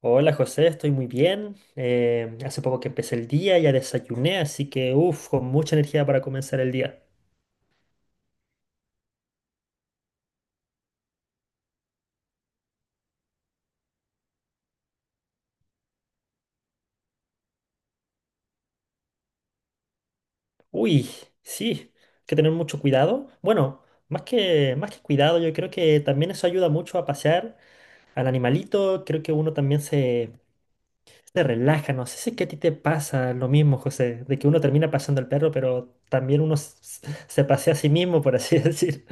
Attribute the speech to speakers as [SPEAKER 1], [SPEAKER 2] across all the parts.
[SPEAKER 1] Hola José, estoy muy bien. Hace poco que empecé el día, ya desayuné, así que uff, con mucha energía para comenzar el día. Uy, sí, hay que tener mucho cuidado. Bueno, más que cuidado, yo creo que también eso ayuda mucho a pasear al animalito. Creo que uno también se relaja. No sé si es que a ti te pasa lo mismo, José, de que uno termina paseando al perro, pero también uno se pasea a sí mismo, por así decir.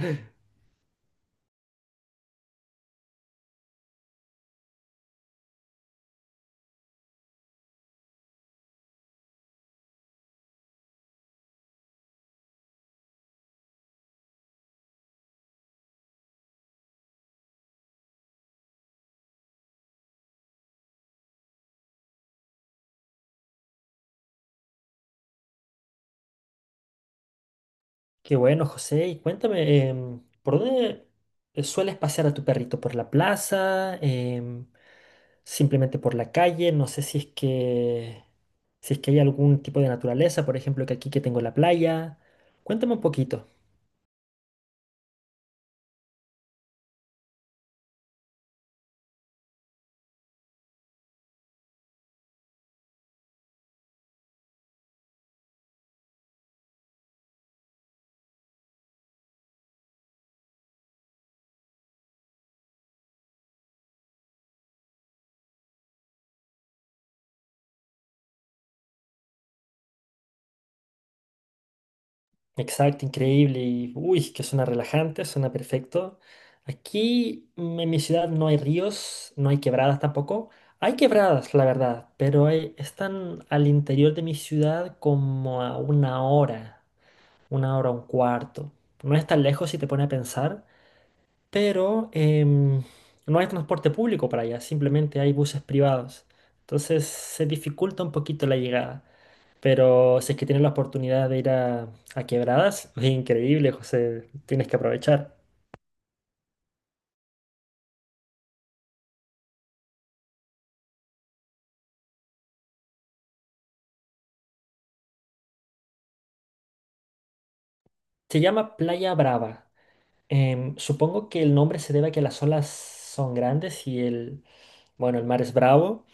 [SPEAKER 1] Qué bueno, José. Y cuéntame, ¿por dónde sueles pasear a tu perrito? ¿Por la plaza? ¿Simplemente por la calle? No sé si es que hay algún tipo de naturaleza, por ejemplo, que aquí que tengo la playa. Cuéntame un poquito. Exacto, increíble. Y uy, que suena relajante, suena perfecto. Aquí en mi ciudad no hay ríos, no hay quebradas tampoco. Hay quebradas, la verdad, pero están al interior de mi ciudad como a una hora. Una hora, un cuarto. No es tan lejos si te pone a pensar, pero no hay transporte público para allá, simplemente hay buses privados. Entonces se dificulta un poquito la llegada. Pero si es que tienes la oportunidad de a Quebradas, es increíble, José, tienes que aprovechar. Se llama Playa Brava. Supongo que el nombre se debe a que las olas son grandes bueno, el mar es bravo.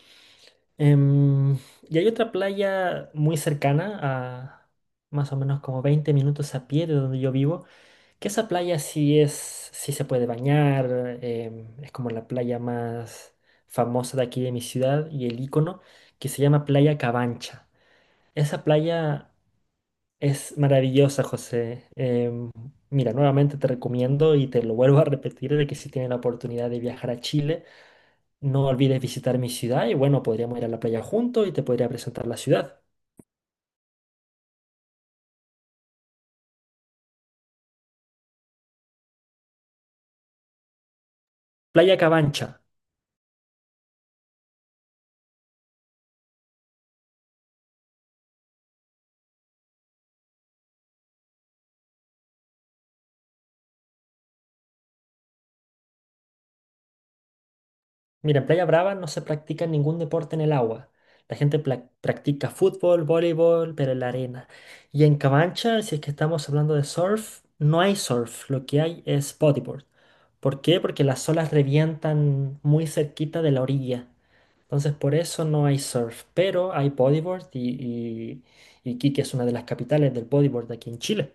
[SPEAKER 1] Em, y hay otra playa muy cercana, a más o menos como 20 minutos a pie de donde yo vivo, que esa sí se puede bañar, es como la playa más famosa de aquí de mi ciudad y el icono, que se llama Playa Cabancha. Esa playa es maravillosa, José. Mira, nuevamente te recomiendo y te lo vuelvo a repetir de que si tienes la oportunidad de viajar a Chile, no olvides visitar mi ciudad y bueno, podríamos ir a la playa juntos y te podría presentar la ciudad. Playa Cabancha. Mira, en Playa Brava no se practica ningún deporte en el agua. La gente practica fútbol, voleibol, pero en la arena. Y en Cabancha, si es que estamos hablando de surf, no hay surf, lo que hay es bodyboard. ¿Por qué? Porque las olas revientan muy cerquita de la orilla. Entonces por eso no hay surf, pero hay bodyboard y Iquique es una de las capitales del bodyboard aquí en Chile.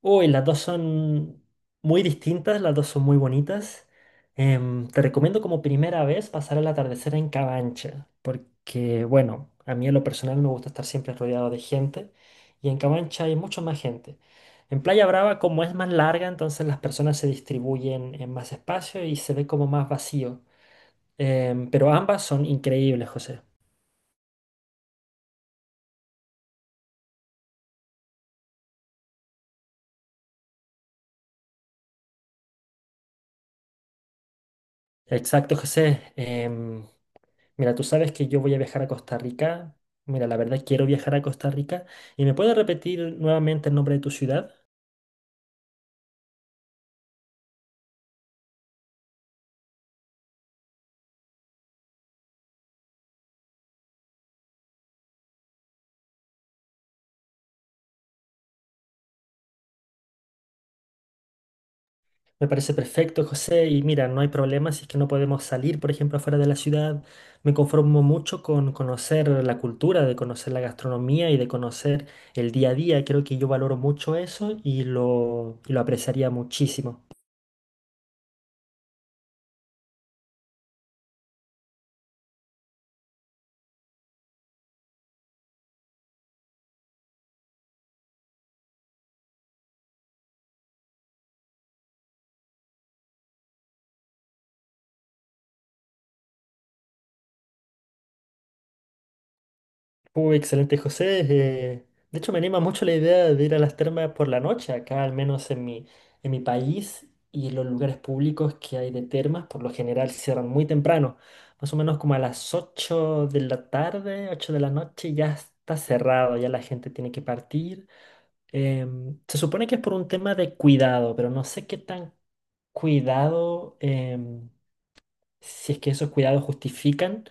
[SPEAKER 1] Uy, las dos son muy distintas, las dos son muy bonitas. Te recomiendo como primera vez pasar el atardecer en Cabancha, porque bueno, a mí en lo personal me gusta estar siempre rodeado de gente y en Cabancha hay mucho más gente. En Playa Brava, como es más larga, entonces las personas se distribuyen en más espacio y se ve como más vacío. Pero ambas son increíbles, José. Exacto, José. Mira, tú sabes que yo voy a viajar a Costa Rica. Mira, la verdad quiero viajar a Costa Rica. ¿Y me puedes repetir nuevamente el nombre de tu ciudad? Me parece perfecto, José. Y mira, no hay problema si es que no podemos salir, por ejemplo, afuera de la ciudad. Me conformo mucho con conocer la cultura, de conocer la gastronomía y de conocer el día a día. Creo que yo valoro mucho eso y lo apreciaría muchísimo. Uy, excelente, José. De hecho, me anima mucho la idea de ir a las termas por la noche, acá al menos en mi país y los lugares públicos que hay de termas, por lo general cierran muy temprano, más o menos como a las 8 de la tarde, 8 de la noche, ya está cerrado, ya la gente tiene que partir. Se supone que es por un tema de cuidado, pero no sé qué tan cuidado, si es que esos cuidados justifican.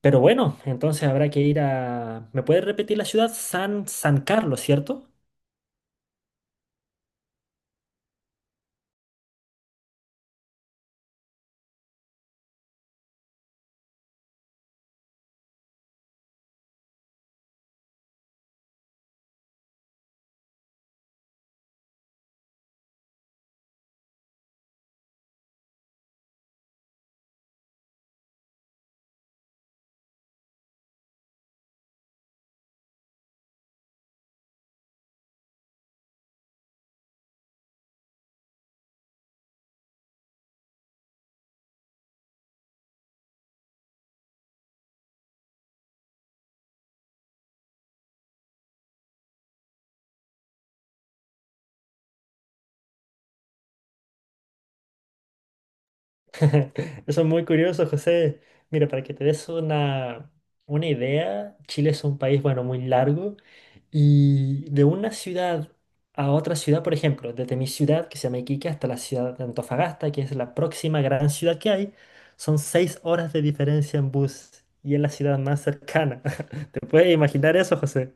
[SPEAKER 1] Pero bueno, entonces habrá que ir a... ¿Me puedes repetir la ciudad? San Carlos, ¿cierto? Eso es muy curioso, José. Mira, para que te des una idea, Chile es un país, bueno, muy largo y de una ciudad a otra ciudad, por ejemplo, desde mi ciudad, que se llama Iquique, hasta la ciudad de Antofagasta, que es la próxima gran ciudad que hay, son 6 horas de diferencia en bus y es la ciudad más cercana. ¿Te puedes imaginar eso, José?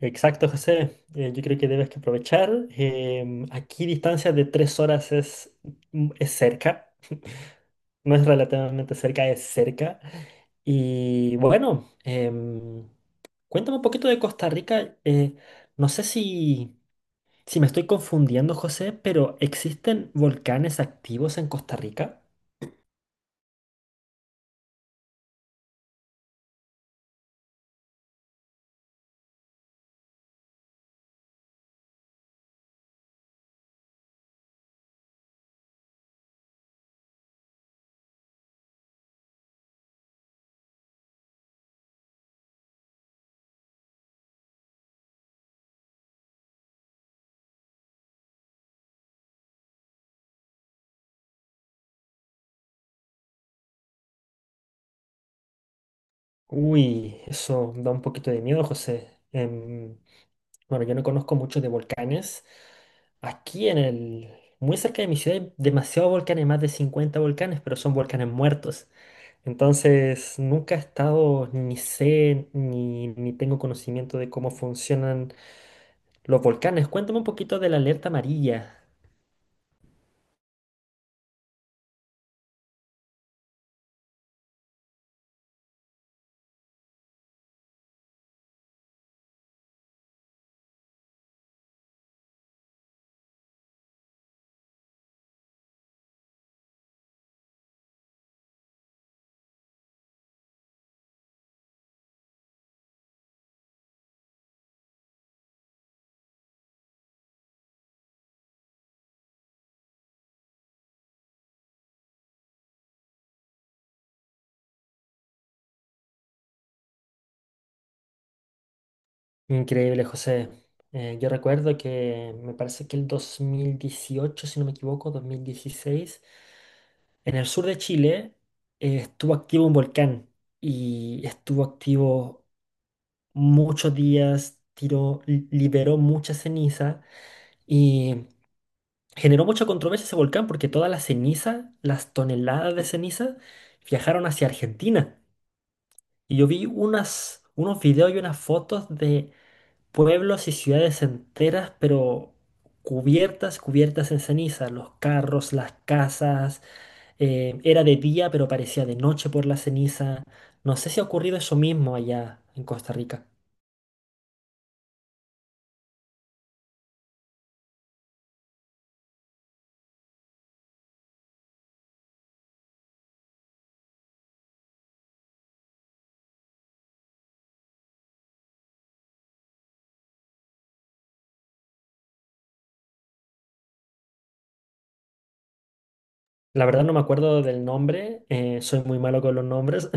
[SPEAKER 1] Exacto, José. Yo creo que debes que aprovechar. Aquí distancia de 3 horas es cerca. No es relativamente cerca, es cerca. Y bueno, cuéntame un poquito de Costa Rica. No sé si, si me estoy confundiendo, José, pero ¿existen volcanes activos en Costa Rica? Uy, eso da un poquito de miedo, José. Bueno, yo no conozco mucho de volcanes. Aquí en el... Muy cerca de mi ciudad hay demasiados volcanes, más de 50 volcanes, pero son volcanes muertos. Entonces, nunca he estado, ni sé, ni tengo conocimiento de cómo funcionan los volcanes. Cuéntame un poquito de la alerta amarilla. Increíble, José. Yo recuerdo que me parece que el 2018, si no me equivoco, 2016, en el sur de Chile, estuvo activo un volcán y estuvo activo muchos días, liberó mucha ceniza y generó mucha controversia ese volcán porque toda la ceniza, las toneladas de ceniza, viajaron hacia Argentina. Y yo vi unos videos y unas fotos de pueblos y ciudades enteras, pero cubiertas, cubiertas en ceniza, los carros, las casas, era de día, pero parecía de noche por la ceniza. No sé si ha ocurrido eso mismo allá en Costa Rica. La verdad no me acuerdo del nombre, soy muy malo con los nombres,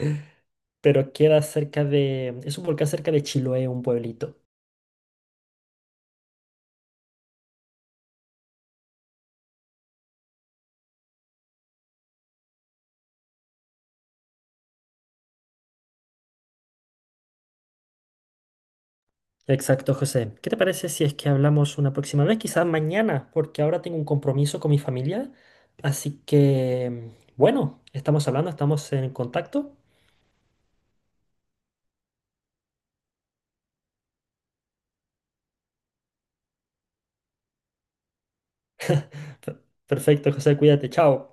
[SPEAKER 1] pero queda cerca de... Es un volcán cerca de Chiloé, un pueblito. Exacto, José. ¿Qué te parece si es que hablamos una próxima vez? Quizás mañana, porque ahora tengo un compromiso con mi familia. Así que, bueno, estamos hablando, estamos en contacto. Per- Perfecto, José, cuídate, chao.